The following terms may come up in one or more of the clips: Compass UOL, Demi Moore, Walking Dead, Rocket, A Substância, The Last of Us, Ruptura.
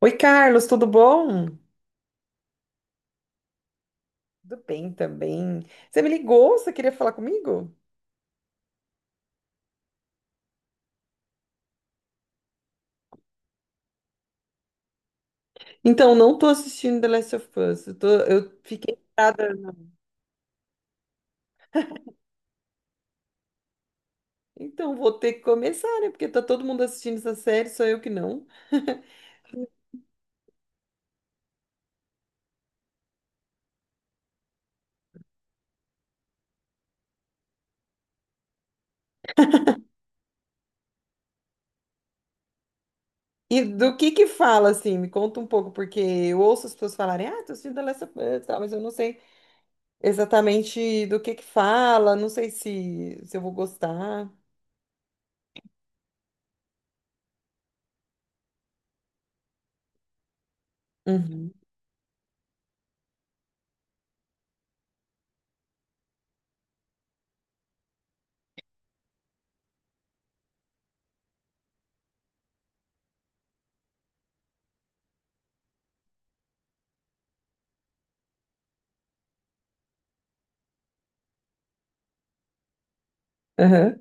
Oi, Carlos, tudo bom? Tudo bem também. Você me ligou? Você queria falar comigo? Então, não tô assistindo The Last of Us. Eu fiquei parada. Então, vou ter que começar, né? Porque tá todo mundo assistindo essa série, só eu que não. E do que fala, assim? Me conta um pouco, porque eu ouço as pessoas falarem, ah, tô assistindo The Last of Us, tal, mas eu não sei exatamente do que fala, não sei se eu vou gostar. Uhum. Aham.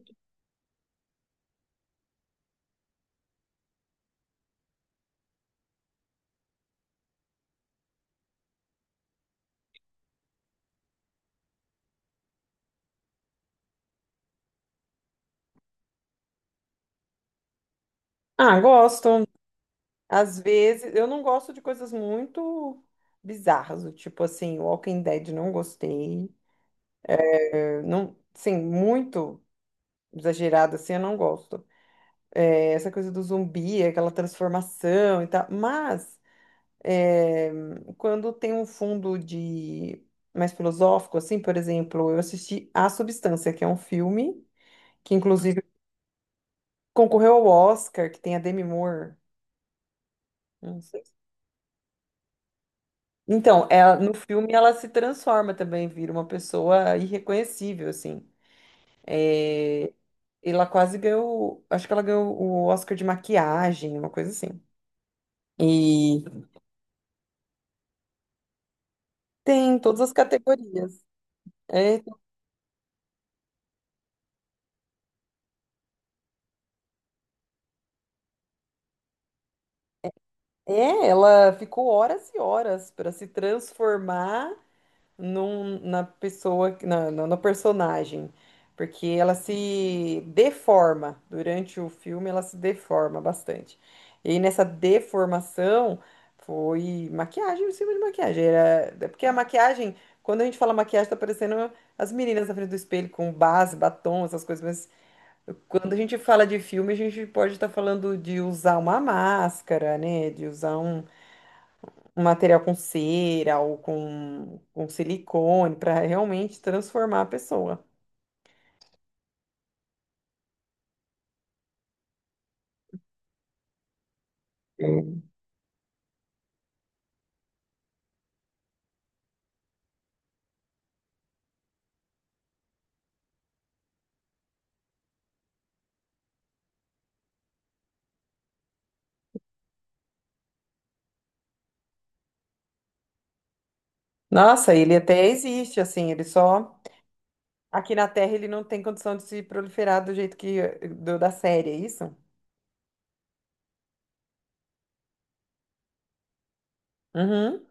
Ah, gosto. Às vezes, eu não gosto de coisas muito bizarras, do tipo assim, Walking Dead não gostei. Eu não, sim, muito exagerado assim, eu não gosto. É, essa coisa do zumbi, aquela transformação e tal. Mas é, quando tem um fundo de mais filosófico, assim, por exemplo, eu assisti A Substância, que é um filme que inclusive concorreu ao Oscar, que tem a Demi Moore. Não sei. Então, ela, no filme ela se transforma também, vira uma pessoa irreconhecível, assim. É, ela quase ganhou, acho que ela ganhou o Oscar de maquiagem, uma coisa assim. E tem todas as categorias. É, é, ela ficou horas e horas para se transformar na pessoa, no personagem, porque ela se deforma durante o filme, ela se deforma bastante. E aí nessa deformação foi maquiagem, em cima de maquiagem. Era, é porque a maquiagem, quando a gente fala maquiagem, tá parecendo as meninas na frente do espelho com base, batom, essas coisas, mas quando a gente fala de filme, a gente pode estar falando de usar uma máscara, né? De usar um material com cera ou com silicone para realmente transformar a pessoa. Nossa, ele até existe, assim, ele só. Aqui na Terra ele não tem condição de se proliferar do jeito que da série, é isso? Uhum.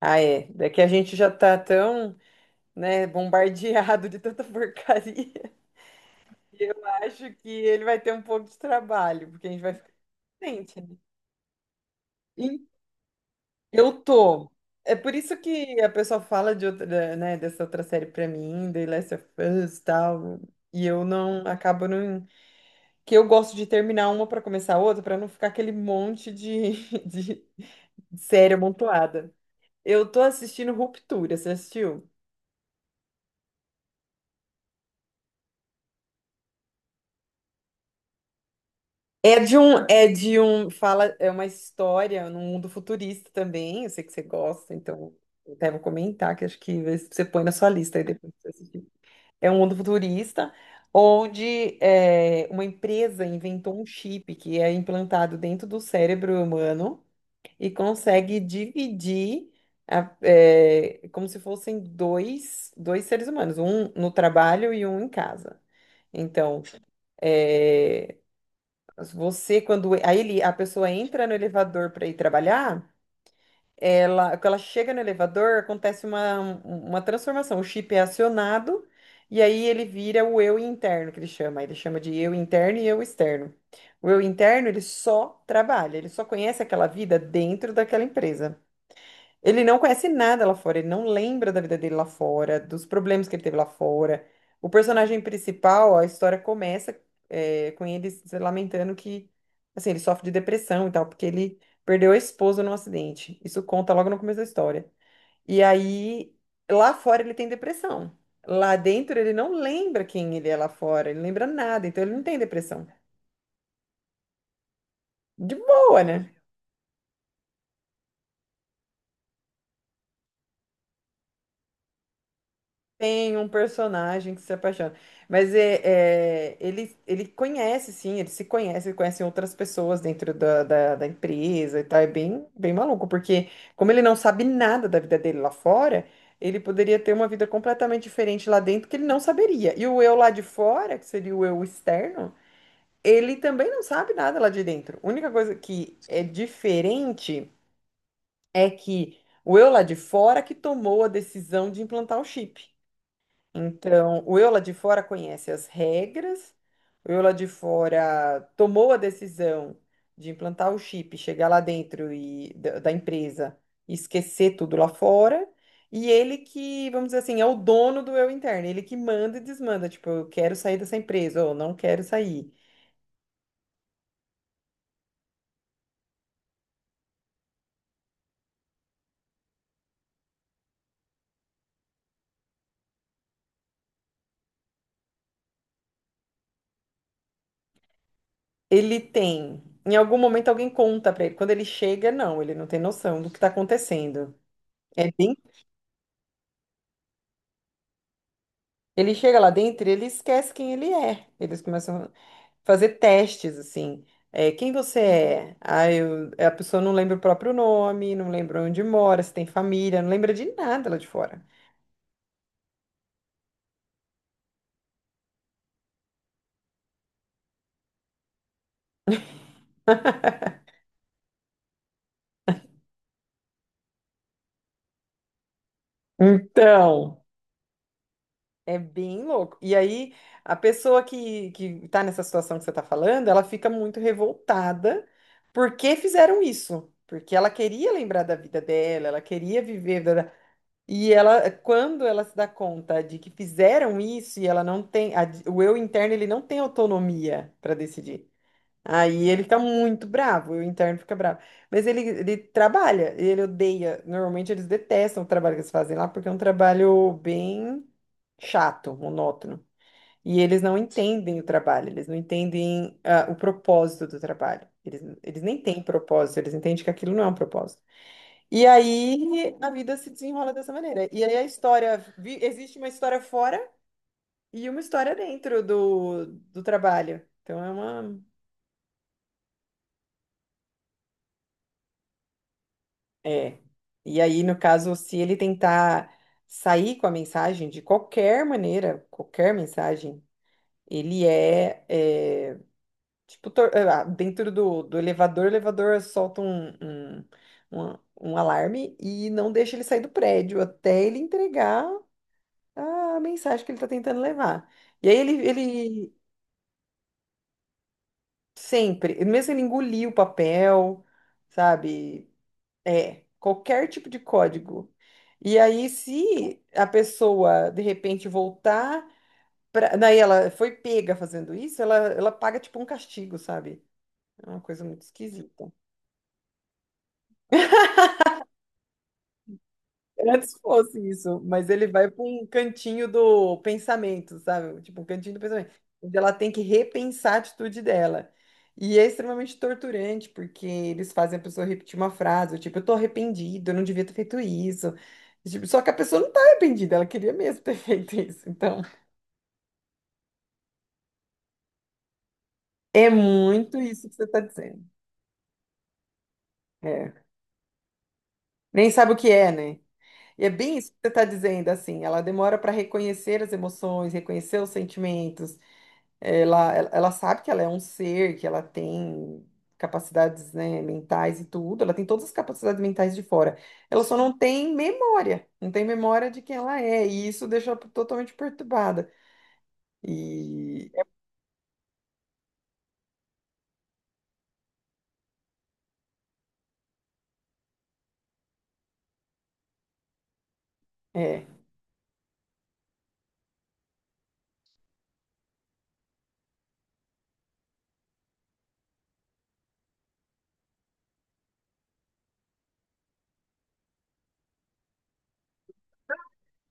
Ah, é. É que a gente já tá tão, né, bombardeado de tanta porcaria. Eu acho que ele vai ter um pouco de trabalho, porque a gente vai ficar doente, né? Eu tô. É por isso que a pessoa fala de outra, né, dessa outra série pra mim, The Last of Us e tal. E eu não acabo não. Que eu gosto de terminar uma pra começar a outra, pra não ficar aquele monte de, de série amontoada. Eu tô assistindo Ruptura, você assistiu? É uma história num mundo futurista também. Eu sei que você gosta, então eu até vou comentar, que acho que você põe na sua lista aí depois pra você assistir. É um mundo futurista onde é, uma empresa inventou um chip que é implantado dentro do cérebro humano e consegue dividir é, como se fossem dois seres humanos, um no trabalho e um em casa. Então, é, você quando aí ele, a pessoa entra no elevador para ir trabalhar ela, quando ela chega no elevador, acontece uma, uma transformação. O chip é acionado e aí ele vira o eu interno, que ele chama. Ele chama de eu interno e eu externo. O eu interno, ele só trabalha, ele só conhece aquela vida dentro daquela empresa. Ele não conhece nada lá fora, ele não lembra da vida dele lá fora, dos problemas que ele teve lá fora. O personagem principal, a história começa é, com ele se lamentando que, assim, ele sofre de depressão e tal, porque ele perdeu a esposa num acidente. Isso conta logo no começo da história. E aí, lá fora ele tem depressão. Lá dentro ele não lembra quem ele é lá fora, ele não lembra nada, então ele não tem depressão. De boa, né? Tem um personagem que se apaixona. Mas é, ele conhece, sim, ele se conhece, ele conhece outras pessoas dentro da empresa e tal. É bem, bem maluco, porque como ele não sabe nada da vida dele lá fora, ele poderia ter uma vida completamente diferente lá dentro que ele não saberia. E o eu lá de fora, que seria o eu externo, ele também não sabe nada lá de dentro. A única coisa que é diferente é que o eu lá de fora que tomou a decisão de implantar o chip. Então, o eu lá de fora conhece as regras, o eu lá de fora tomou a decisão de implantar o chip, chegar lá dentro e da empresa e esquecer tudo lá fora, e ele que, vamos dizer assim, é o dono do eu interno, ele que manda e desmanda, tipo, eu quero sair dessa empresa ou não quero sair. Ele tem, em algum momento alguém conta pra ele, quando ele chega, não, ele não tem noção do que tá acontecendo. É bem, ele chega lá dentro e ele esquece quem ele é. Eles começam fazer testes, assim. É, quem você é? Ah, eu, é, a pessoa não lembra o próprio nome, não lembra onde mora, se tem família, não lembra de nada lá de fora. Então, é bem louco. E aí, a pessoa que tá nessa situação que você tá falando, ela fica muito revoltada porque fizeram isso. Porque ela queria lembrar da vida dela, ela queria viver. E ela, quando ela se dá conta de que fizeram isso e ela não tem, o eu interno ele não tem autonomia para decidir. Aí ele fica muito bravo, o interno fica bravo. Mas ele trabalha, ele odeia. Normalmente eles detestam o trabalho que eles fazem lá, porque é um trabalho bem chato, monótono. E eles não entendem o trabalho, eles não entendem o propósito do trabalho. Eles nem têm propósito, eles entendem que aquilo não é um propósito. E aí a vida se desenrola dessa maneira. E aí a história, existe uma história fora e uma história dentro do trabalho. Então é uma. É. E aí, no caso, se ele tentar sair com a mensagem de qualquer maneira, qualquer mensagem, ele é, é, tipo, dentro do elevador, o elevador solta um alarme e não deixa ele sair do prédio até ele entregar a mensagem que ele está tentando levar. E aí ele sempre, mesmo ele engolir o papel, sabe? É, qualquer tipo de código. E aí, se a pessoa de repente voltar pra... Daí ela foi pega fazendo isso, ela paga tipo um castigo, sabe? É uma coisa muito esquisita. Antes fosse isso, mas ele vai para um cantinho do pensamento, sabe? Tipo, um cantinho do pensamento, onde ela tem que repensar a atitude dela. E é extremamente torturante, porque eles fazem a pessoa repetir uma frase, ou tipo, eu tô arrependido, eu não devia ter feito isso. E, tipo, só que a pessoa não tá arrependida, ela queria mesmo ter feito isso. Então, é muito isso que você tá dizendo. É. Nem sabe o que é, né? E é bem isso que você está dizendo, assim, ela demora para reconhecer as emoções, reconhecer os sentimentos. Ela, ela sabe que ela é um ser, que ela tem capacidades, né, mentais e tudo, ela tem todas as capacidades mentais de fora. Ela só não tem memória, não tem memória de quem ela é, e isso deixa ela totalmente perturbada. E é,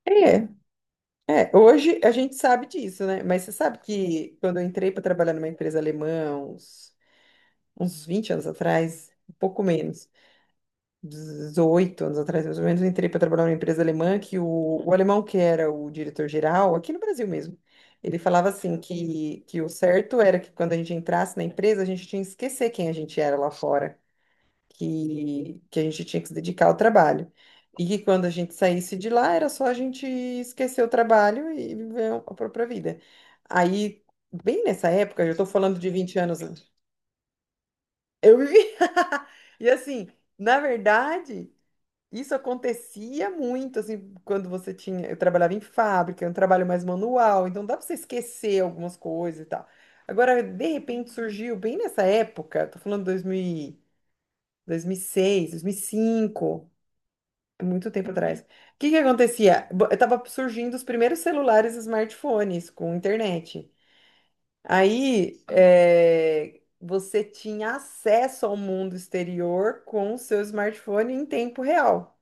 é, é, hoje a gente sabe disso, né? Mas você sabe que quando eu entrei para trabalhar numa empresa alemã, uns 20 anos atrás, um pouco menos, 18 anos atrás, mais ou menos, eu entrei para trabalhar numa empresa alemã que o, alemão que era o diretor-geral, aqui no Brasil mesmo, ele falava assim que o certo era que quando a gente entrasse na empresa, a gente tinha que esquecer quem a gente era lá fora, que a gente tinha que se dedicar ao trabalho. E que quando a gente saísse de lá, era só a gente esquecer o trabalho e viver a própria vida. Aí, bem nessa época, eu estou falando de 20 anos antes, eu vivi. E assim, na verdade. Isso acontecia muito, assim, quando você tinha. Eu trabalhava em fábrica, é um trabalho mais manual, então dá pra você esquecer algumas coisas e tal. Agora, de repente surgiu, bem nessa época, tô falando 2000 e- 2006, 2005, é muito tempo atrás. O que que acontecia? Tava surgindo os primeiros celulares e smartphones com internet. Aí, é, você tinha acesso ao mundo exterior com o seu smartphone em tempo real.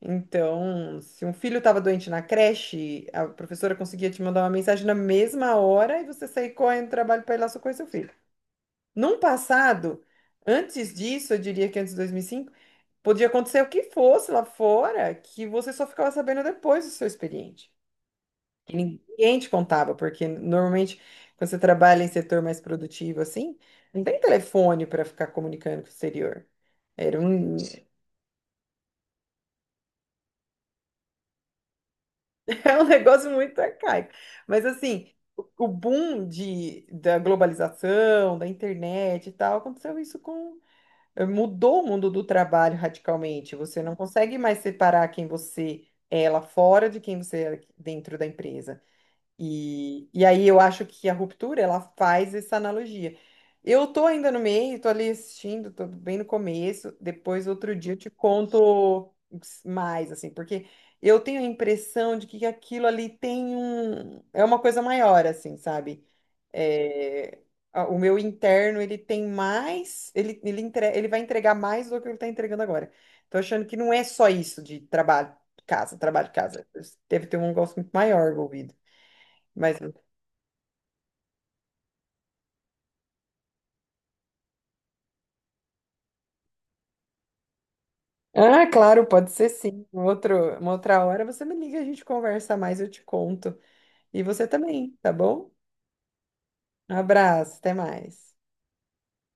Então, se um filho estava doente na creche, a professora conseguia te mandar uma mensagem na mesma hora e você sair correndo do trabalho para ir lá socorrer seu filho. Num passado, antes disso, eu diria que antes de 2005, podia acontecer o que fosse lá fora, que você só ficava sabendo depois do seu expediente. Que ninguém te contava, porque normalmente quando você trabalha em setor mais produtivo assim, não tem telefone para ficar comunicando com o exterior. Era um, É um negócio muito arcaico. Mas assim, o boom de, da globalização, da internet e tal, aconteceu isso com. Mudou o mundo do trabalho radicalmente. Você não consegue mais separar quem você é lá fora de quem você é dentro da empresa. E aí eu acho que a ruptura, ela faz essa analogia. Eu tô ainda no meio, tô ali assistindo, tô bem no começo, depois outro dia eu te conto mais, assim, porque eu tenho a impressão de que aquilo ali tem um... é uma coisa maior, assim, sabe? É, o meu interno, ele tem mais, ele vai entregar mais do que ele tá entregando agora. Tô achando que não é só isso de trabalho, casa, trabalho, casa. Deve ter um negócio muito maior envolvido. Mas, ah, claro, pode ser sim. Um outro, uma outra hora você me liga, a gente conversa mais, eu te conto. E você também, tá bom? Um abraço, até mais.